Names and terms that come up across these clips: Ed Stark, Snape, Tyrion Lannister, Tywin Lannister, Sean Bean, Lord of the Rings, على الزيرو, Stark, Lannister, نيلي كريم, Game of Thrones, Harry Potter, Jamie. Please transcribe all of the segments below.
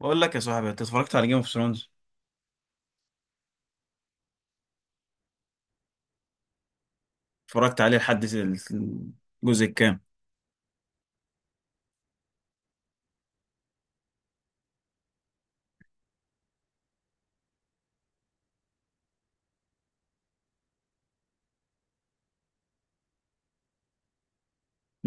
بقول لك يا صاحبي، انت اتفرجت على جيم اوف ثرونز؟ اتفرجت عليه لحد الجزء الكام؟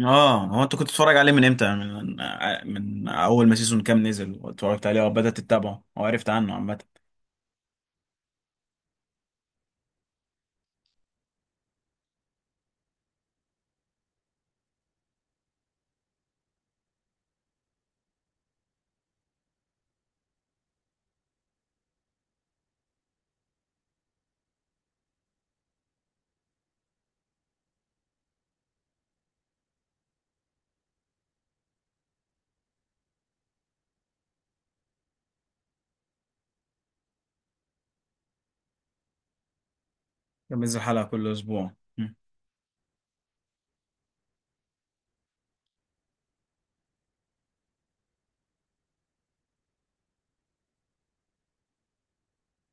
اه، هو انت كنت بتتفرج عليه من امتى؟ من اول ما سيزون كام نزل واتفرجت عليه وبدات تتابعه وعرفت عنه عامه؟ كان بينزل حلقه كل اسبوع. مم.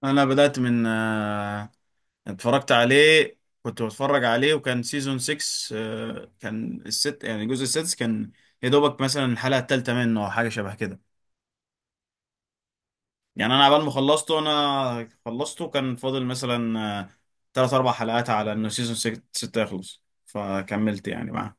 انا بدات من اتفرجت عليه كنت بتفرج عليه، وكان سيزون 6. كان الست، يعني الجزء السادس، كان يا دوبك مثلا الحلقه الثالثه منه او حاجه شبه كده. يعني انا عبال ما خلصته، انا خلصته كان فاضل مثلا ثلاث اربع حلقات على انه سيزون 6 يخلص، فكملت يعني معاه.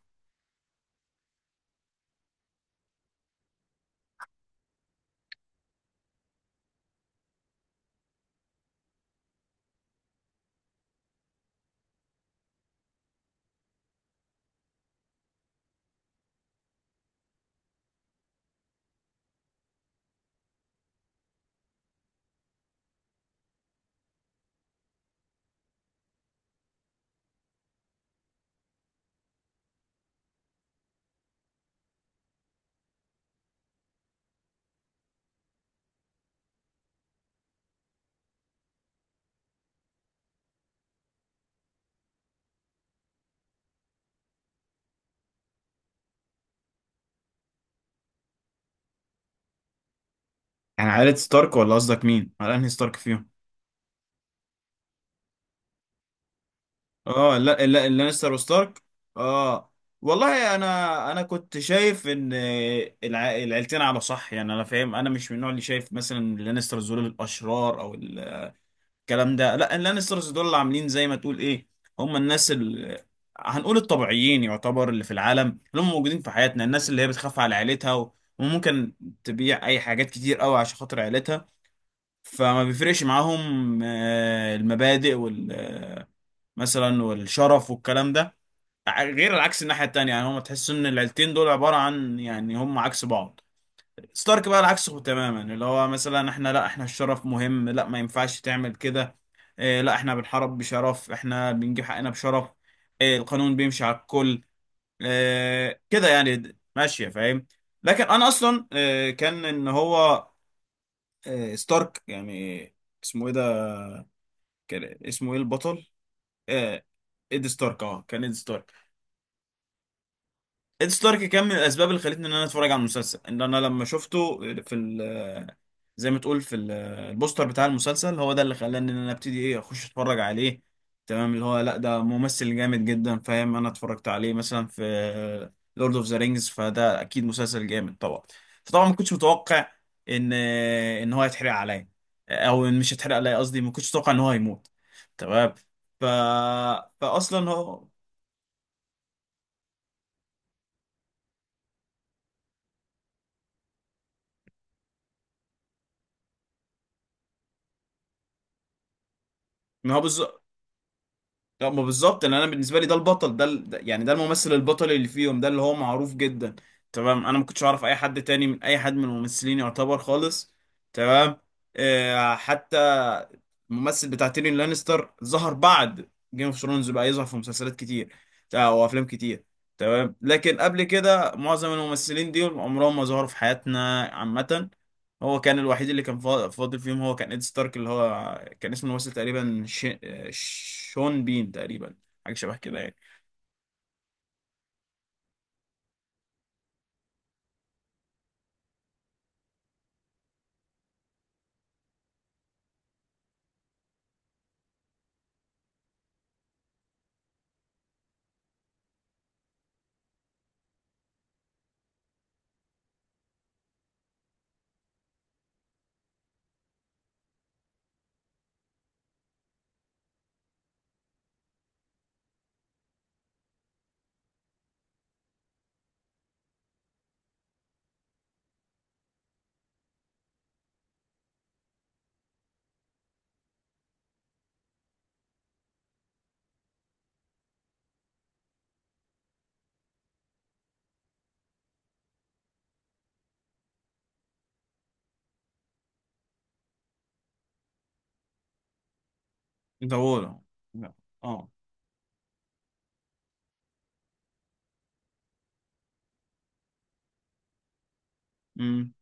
يعني عائلة ستارك، ولا قصدك مين؟ على انهي ستارك فيهم؟ اه، لا لا، لانستر وستارك. اه. والله، انا كنت شايف ان العيلتين على صح. يعني انا فاهم، انا مش من النوع اللي شايف مثلا لانستر دول الاشرار او الكلام ده. لا، اللانسترز دول اللي عاملين زي ما تقول ايه، هم الناس هنقول الطبيعيين، يعتبر اللي في العالم، اللي هم موجودين في حياتنا، الناس اللي هي بتخاف على عيلتها وممكن تبيع اي حاجات كتير قوي عشان خاطر عيلتها. فما بيفرقش معاهم المبادئ وال آه، مثلا، والشرف والكلام ده. غير العكس الناحية التانية، يعني هم تحس ان العيلتين دول عبارة عن، يعني، هم عكس بعض. ستارك بقى العكس تماما، اللي هو مثلا احنا لا، احنا الشرف مهم، لا، ما ينفعش تعمل كده. اه، لا، احنا بنحارب بشرف، احنا بنجيب حقنا بشرف. اه، القانون بيمشي على الكل. اه كده يعني، ماشية فاهم. لكن انا اصلا اه، كان ان هو اه ستارك، يعني اسمه ايه ده، كان اسمه ايه البطل؟ اه، ايد ستارك، اه، كان ايد ستارك. إد ستارك كان من الأسباب اللي خلتني إن أنا أتفرج على المسلسل، إن أنا لما شفته في ال آه، زي ما تقول في البوستر بتاع المسلسل، هو ده اللي خلاني إن أنا أبتدي إيه، أخش أتفرج عليه. تمام، اللي هو لأ، ده ممثل جامد جدا، فاهم؟ أنا اتفرجت عليه مثلا في لورد أوف ذا رينجز، فده أكيد مسلسل جامد طبعا. فطبعا ما كنتش متوقع إن إن هو يتحرق عليا، أو إن مش يتحرق عليا، قصدي ما كنتش متوقع إن هو هيموت. تمام. ف... فأصلا هو. ما هو بالظبط. لا، ما بالظبط، ان انا بالنسبه لي ده البطل، يعني ده الممثل البطل اللي فيهم، ده اللي هو معروف جدا. تمام، انا ما كنتش اعرف اي حد تاني، من اي حد من الممثلين يعتبر خالص. تمام. حتى الممثل بتاع تيريون لانستر ظهر بعد جيم اوف ثرونز، بقى يظهر في مسلسلات كتير، او افلام كتير. تمام، لكن قبل كده معظم الممثلين دول عمرهم ما ظهروا في حياتنا عامه. هو كان الوحيد اللي كان فاضل فيهم، هو كان إد ستارك، اللي هو كان اسمه الممثل تقريبا شون بين تقريبا، حاجة شبه كده يعني. ده هو. لا. اه. امم.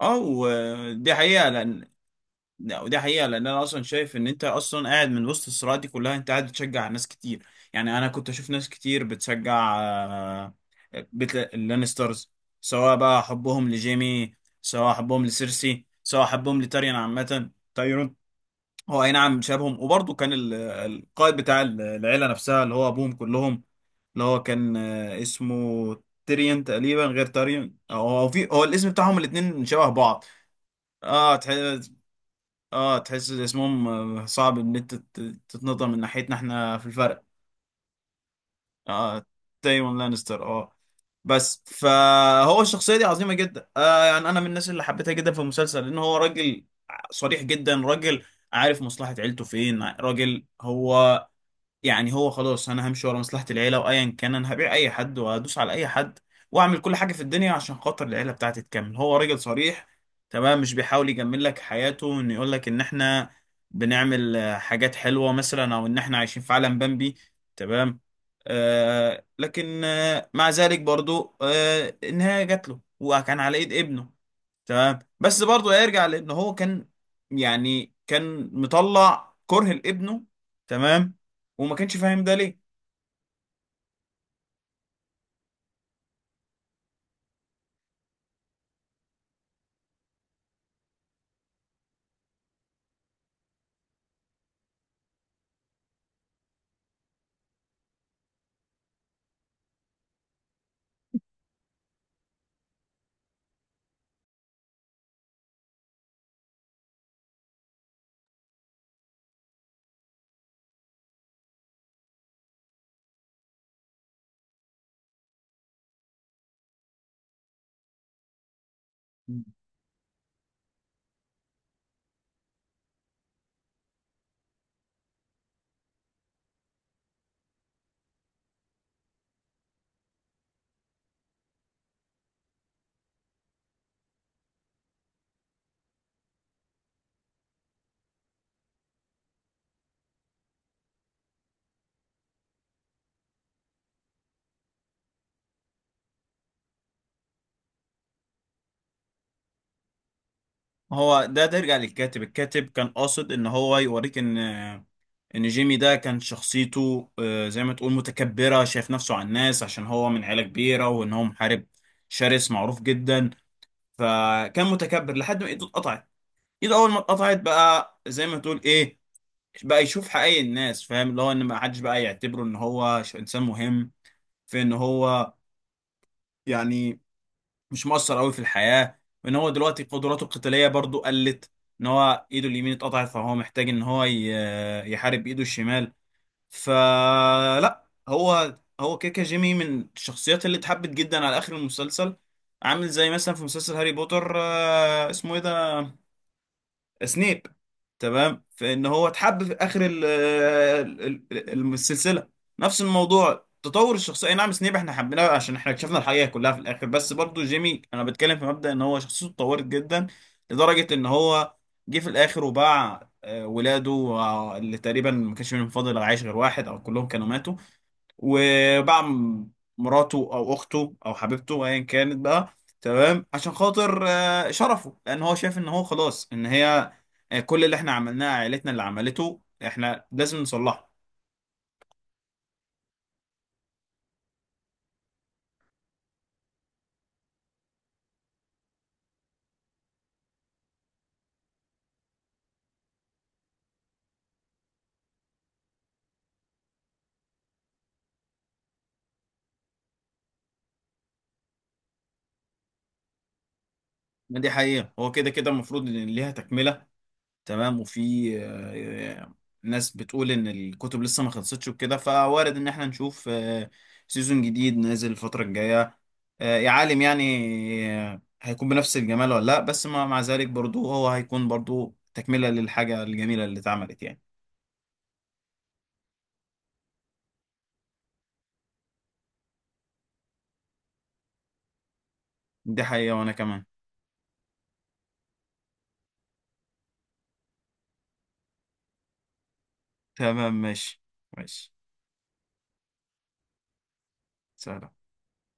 اه، ودي حقيقة لأن. لا، ودي حقيقة لأن أنا أصلا شايف إن أنت أصلا قاعد من وسط الصراعات دي كلها، أنت قاعد بتشجع ناس كتير. يعني أنا كنت أشوف ناس كتير بتشجع بيت اللانسترز، سواء بقى حبهم لجيمي، سواء حبهم لسيرسي، سواء حبهم لتاريان، عامة تايرون. هو اي نعم شابهم، وبرضه كان القائد بتاع العيله نفسها، اللي هو ابوهم كلهم، اللي هو كان اسمه تيريون تقريبا، غير تاريون، او هو الاسم بتاعهم الاثنين شبه بعض. اه تحس اه تحس اسمهم صعب ان انت تتنطق من ناحيتنا احنا في الفرق. اه، تايوان لانستر، اه، بس فهو الشخصيه دي عظيمه جدا، يعني انا من الناس اللي حبيتها جدا في المسلسل، لان هو راجل صريح جدا، راجل عارف مصلحة عيلته فين، راجل هو يعني هو خلاص، انا همشي ورا مصلحة العيلة وايا كان، انا هبيع اي حد وهدوس على اي حد واعمل كل حاجة في الدنيا عشان خاطر العيلة بتاعتي تكمل. هو راجل صريح، تمام، مش بيحاول يجمل لك حياته، ان يقول لك ان احنا بنعمل حاجات حلوة مثلا، او ان احنا عايشين في عالم بامبي. تمام. لكن مع ذلك برضو النهاية جات له، وكان على ايد ابنه. تمام، بس برضه يرجع لان هو كان، يعني، كان مطلع كره لابنه. تمام، وما كانش فاهم ده ليه. ما هو ده ترجع للكاتب، الكاتب كان قاصد ان هو يوريك ان جيمي ده كان شخصيته زي ما تقول متكبرة، شايف نفسه على الناس عشان هو من عيلة كبيرة، وان هو محارب شرس معروف جدا، فكان متكبر لحد ما ايده اتقطعت. ايده اول ما اتقطعت بقى زي ما تقول ايه، بقى يشوف حقيقي الناس، فاهم، اللي هو ان ما حدش بقى يعتبره ان هو انسان مهم، في ان هو، يعني، مش مؤثر قوي في الحياة، وان هو دلوقتي قدراته القتالية برضو قلت، ان هو ايده اليمين اتقطعت، فهو محتاج ان هو يحارب بايده الشمال. فلا، هو كيكا، جيمي من الشخصيات اللي اتحبت جدا على اخر المسلسل، عامل زي مثلا في مسلسل هاري بوتر، اسمه ايه ده، سنيب. تمام، فان هو اتحب في اخر السلسله. نفس الموضوع، تطور الشخصيه، أي نعم، سنيب احنا حبيناه عشان احنا اكتشفنا الحقيقه كلها في الاخر، بس برضو جيمي انا بتكلم في مبدا ان هو شخصيته اتطورت جدا، لدرجه ان هو جه في الاخر وباع ولاده، اللي تقريبا ما كانش منهم فاضل عايش غير واحد، او كلهم كانوا ماتوا، وباع مراته، او اخته، او حبيبته ايا كانت بقى. تمام، عشان خاطر شرفه، لان هو شايف ان هو خلاص ان هي كل اللي احنا عملناه عائلتنا اللي عملته، احنا لازم نصلحه. ما دي حقيقة، هو كده كده المفروض ان ليها تكملة. تمام، وفي آه، ناس بتقول ان الكتب لسه ما خلصتش، وكده فوارد ان احنا نشوف سيزون جديد نازل الفترة الجاية. يا عالم يعني، هيكون بنفس الجمال ولا لا؟ بس مع ذلك برضو، هو هيكون برضو تكملة للحاجة الجميلة اللي اتعملت يعني. دي حقيقة، وانا كمان. تمام، ماشي. ماشي. سلام.